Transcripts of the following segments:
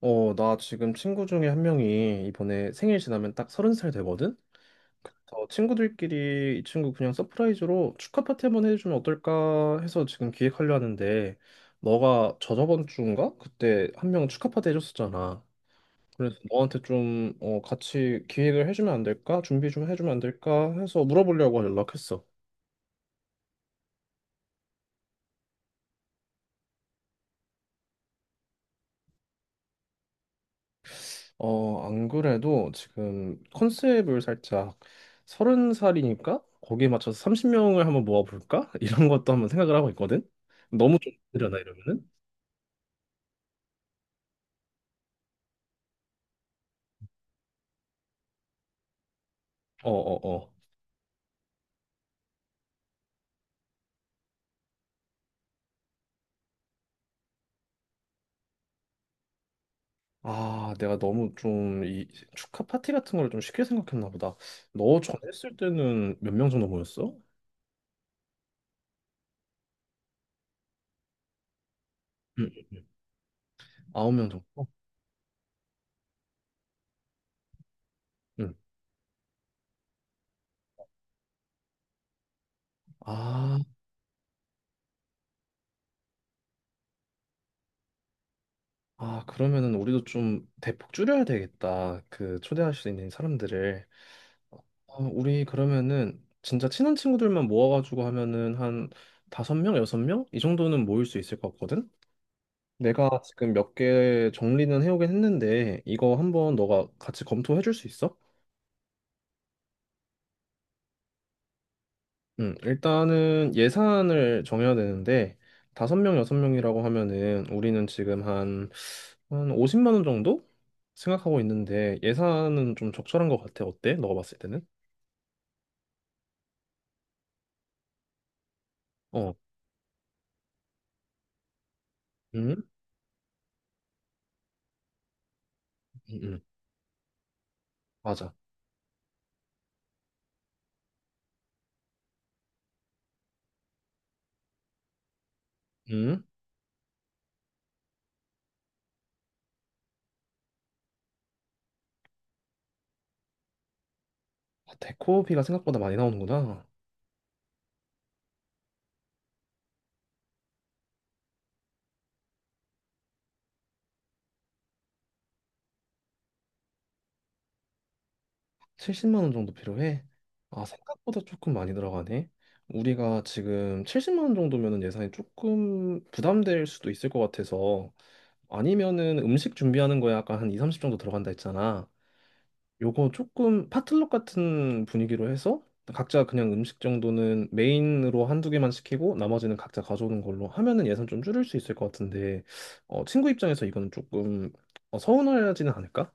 어, 나 지금 친구 중에 한 명이 이번에 생일 지나면 딱 서른 살 되거든? 그래서 친구들끼리 이 친구 그냥 서프라이즈로 축하 파티 한번 해주면 어떨까 해서 지금 기획하려 하는데, 너가 저저번 주인가? 그때 한 명 축하 파티 해줬었잖아. 그래서 너한테 좀 같이 기획을 해주면 안 될까? 준비 좀 해주면 안 될까? 해서 물어보려고 연락했어. 안 그래도 지금 컨셉을 살짝 서른 살이니까 거기에 맞춰서 30명을 한번 모아볼까? 이런 것도 한번 생각을 하고 있거든. 너무 좀 힘들려나 이러면은? 어, 어, 어. 아, 내가 너무 좀 이 축하 파티 같은 걸 좀 쉽게 생각했나 보다. 너 전에 했을 때는 몇 명 정도 모였어? 응, 아홉 명 정도? 응. 아, 그러면은 우리도 좀 대폭 줄여야 되겠다. 그 초대할 수 있는 사람들을. 우리 그러면은 진짜 친한 친구들만 모아가지고 하면은 한 다섯 명, 여섯 명? 이 정도는 모일 수 있을 것 같거든? 내가 지금 몇 개 정리는 해오긴 했는데 이거 한번 너가 같이 검토해 줄 수 있어? 일단은 예산을 정해야 되는데 다섯 명, 여섯 명이라고 하면은 우리는 지금 한 50만 원 정도 생각하고 있는데 예산은 좀 적절한 것 같아. 어때? 너가 봤을 때는? 어, 음, 음, 음. 맞아. 음, 아, 데코비가 생각보다 많이 나오는구나. 70만 원 정도 필요해. 아, 생각보다 조금 많이 들어가네. 우리가 지금 70만 원 정도면은 예산이 조금 부담될 수도 있을 것 같아서 아니면은 음식 준비하는 거에 아까 한 2, 30 정도 들어간다 했잖아. 요거 조금 파틀럭 같은 분위기로 해서 각자 그냥 음식 정도는 메인으로 한두 개만 시키고 나머지는 각자 가져오는 걸로 하면은 예산 좀 줄일 수 있을 것 같은데 친구 입장에서 이거는 조금 서운하지는 않을까?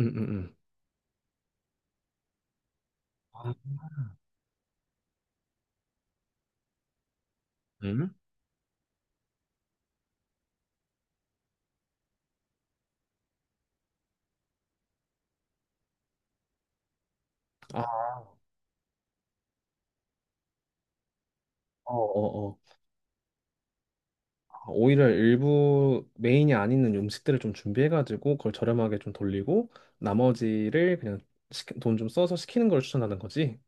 음, 음, 음. 아, 음? 아, 어, 어, 어. 아, 오히려 일부 메인이 아닌 음식들을 좀 준비해가지고 그걸 저렴하게 좀 돌리고 나머지를 그냥 돈 좀 써서 시키는 걸 추천하는 거지?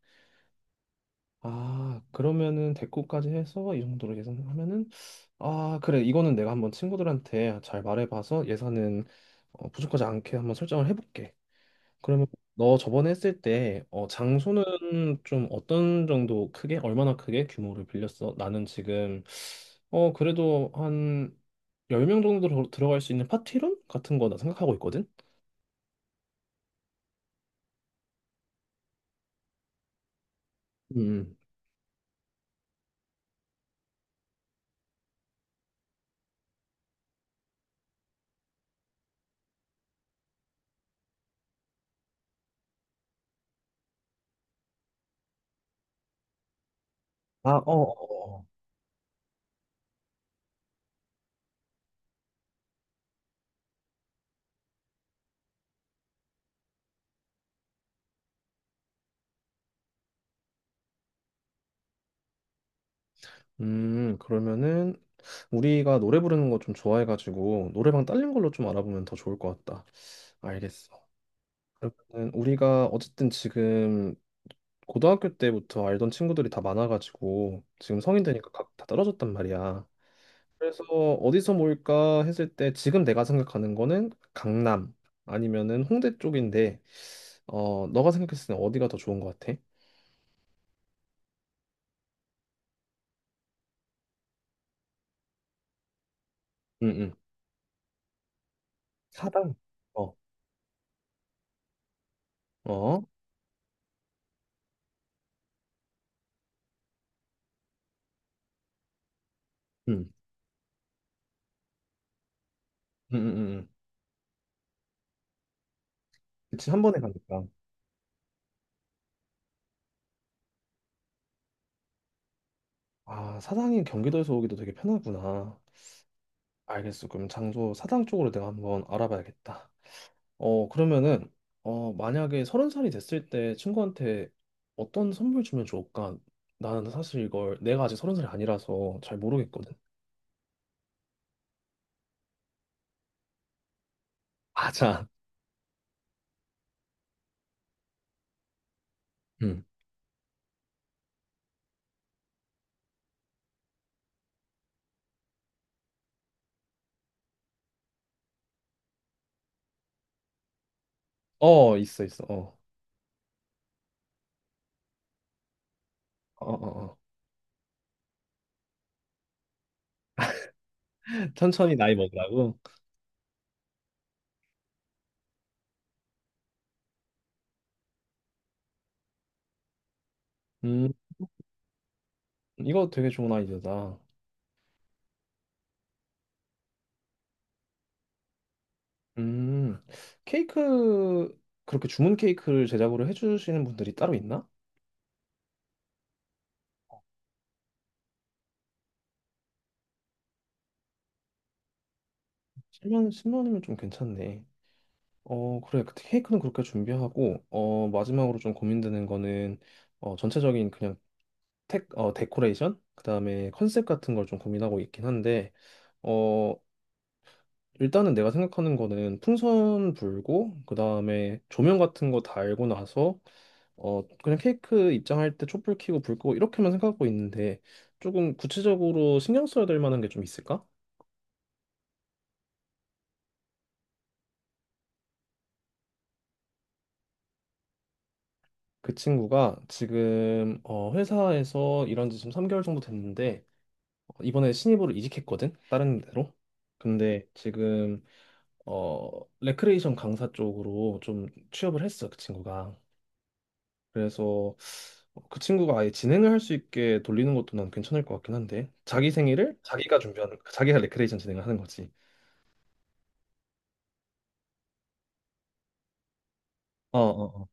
아, 그러면은 대꾸까지 해서 이 정도로 계산하면은 아, 그래. 이거는 내가 한번 친구들한테 잘 말해봐서 예산은 부족하지 않게 한번 설정을 해볼게. 그러면 너 저번에 했을 때 장소는 좀 어떤 정도 크게 얼마나 크게 규모를 빌렸어? 나는 지금 그래도 한 10명 정도 들어갈 수 있는 파티룸 같은 거나 생각하고 있거든. 음. 아, 어, 어. 어, 어. 그러면은 우리가 노래 부르는 거 좀 좋아해가지고 노래방 딸린 걸로 좀 알아보면 더 좋을 것 같다. 알겠어. 그러면은 우리가 어쨌든 지금 고등학교 때부터 알던 친구들이 다 많아가지고 지금 성인 되니까 각 다 떨어졌단 말이야. 그래서 어디서 모일까 했을 때 지금 내가 생각하는 거는 강남 아니면은 홍대 쪽인데 너가 생각했을 때 어디가 더 좋은 것 같아? 응응. 사당. 어. 어. 응. 응응응. 그치 한 번에 가니까. 아, 사당이 경기도에서 오기도 되게 편하구나. 알겠어. 그럼 장소 사당 쪽으로 내가 한번 알아봐야겠다. 그러면은, 만약에 서른 살이 됐을 때 친구한테 어떤 선물 주면 좋을까? 나는 사실 이걸 내가 아직 서른 살이 아니라서 잘 모르겠거든. 맞 아, 음. 어, 있어, 있어. 어. 어, 어, 어. 천천히 나이 먹으라고. 음, 이거 되게 좋은 아이디어다. 음, 케이크, 그렇게 주문 케이크를 제작으로 해주시는 분들이 따로 있나? 10만, 10만 원이면 좀 괜찮네. 어, 그래. 그 케이크는 그렇게 준비하고, 마지막으로 좀 고민되는 거는, 전체적인 그냥 데코레이션? 그 다음에 컨셉 같은 걸 좀 고민하고 있긴 한데, 어, 일단은 내가 생각하는 거는 풍선 불고, 그 다음에 조명 같은 거 달고 나서, 그냥 케이크 입장할 때 촛불 켜고 불 끄고 이렇게만 생각하고 있는데, 조금 구체적으로 신경 써야 될 만한 게 좀 있을까? 그 친구가 지금 회사에서 일한 지 지금 3개월 정도 됐는데 이번에 신입으로 이직했거든, 다른 데로. 근데 지금 어 레크레이션 강사 쪽으로 좀 취업을 했어, 그 친구가. 그래서 그 친구가 아예 진행을 할 수 있게 돌리는 것도 난 괜찮을 것 같긴 한데 자기 생일을 자기가 준비하는 거야. 자기가 레크레이션 진행을 하는 거지. 어어어 어,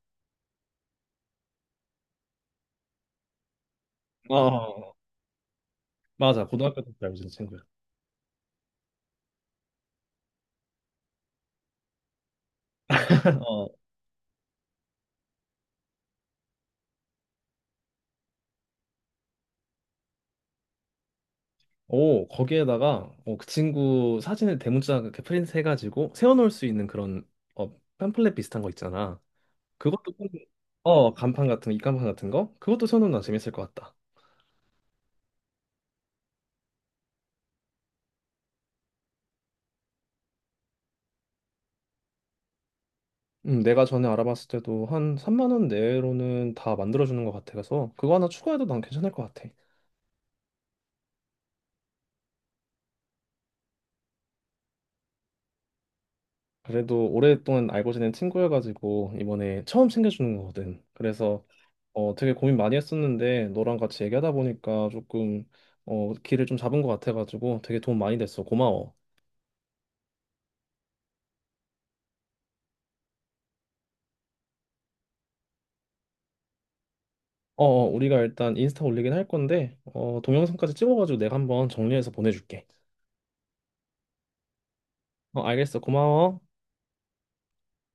어. 어, 어, 어. 어. 맞아, 고등학교 때 알고 지낸 친구야. 오, 거기에다가 그 친구 사진을 대문짝 이렇게 프린트 해가지고 세워놓을 수 있는 그런 팸플렛 비슷한 거 있잖아. 그것도 꼭- 간판 같은 거, 입간판 같은 거 그것도 세워놓으면 재밌을 것 같다. 내가 전에 알아봤을 때도 한 3만 원 내로는 다 만들어주는 것 같아서 그거 하나 추가해도 난 괜찮을 것 같아. 그래도 오랫동안 알고 지낸 친구여가지고 이번에 처음 챙겨주는 거거든. 그래서 되게 고민 많이 했었는데 너랑 같이 얘기하다 보니까 조금 길을 좀 잡은 것 같아가지고 되게 도움 많이 됐어. 고마워. 어, 어, 우리가 일단 인스타 올리긴 할 건데 동영상까지 찍어가지고 내가 한번 정리해서 보내줄게. 어, 알겠어. 고마워.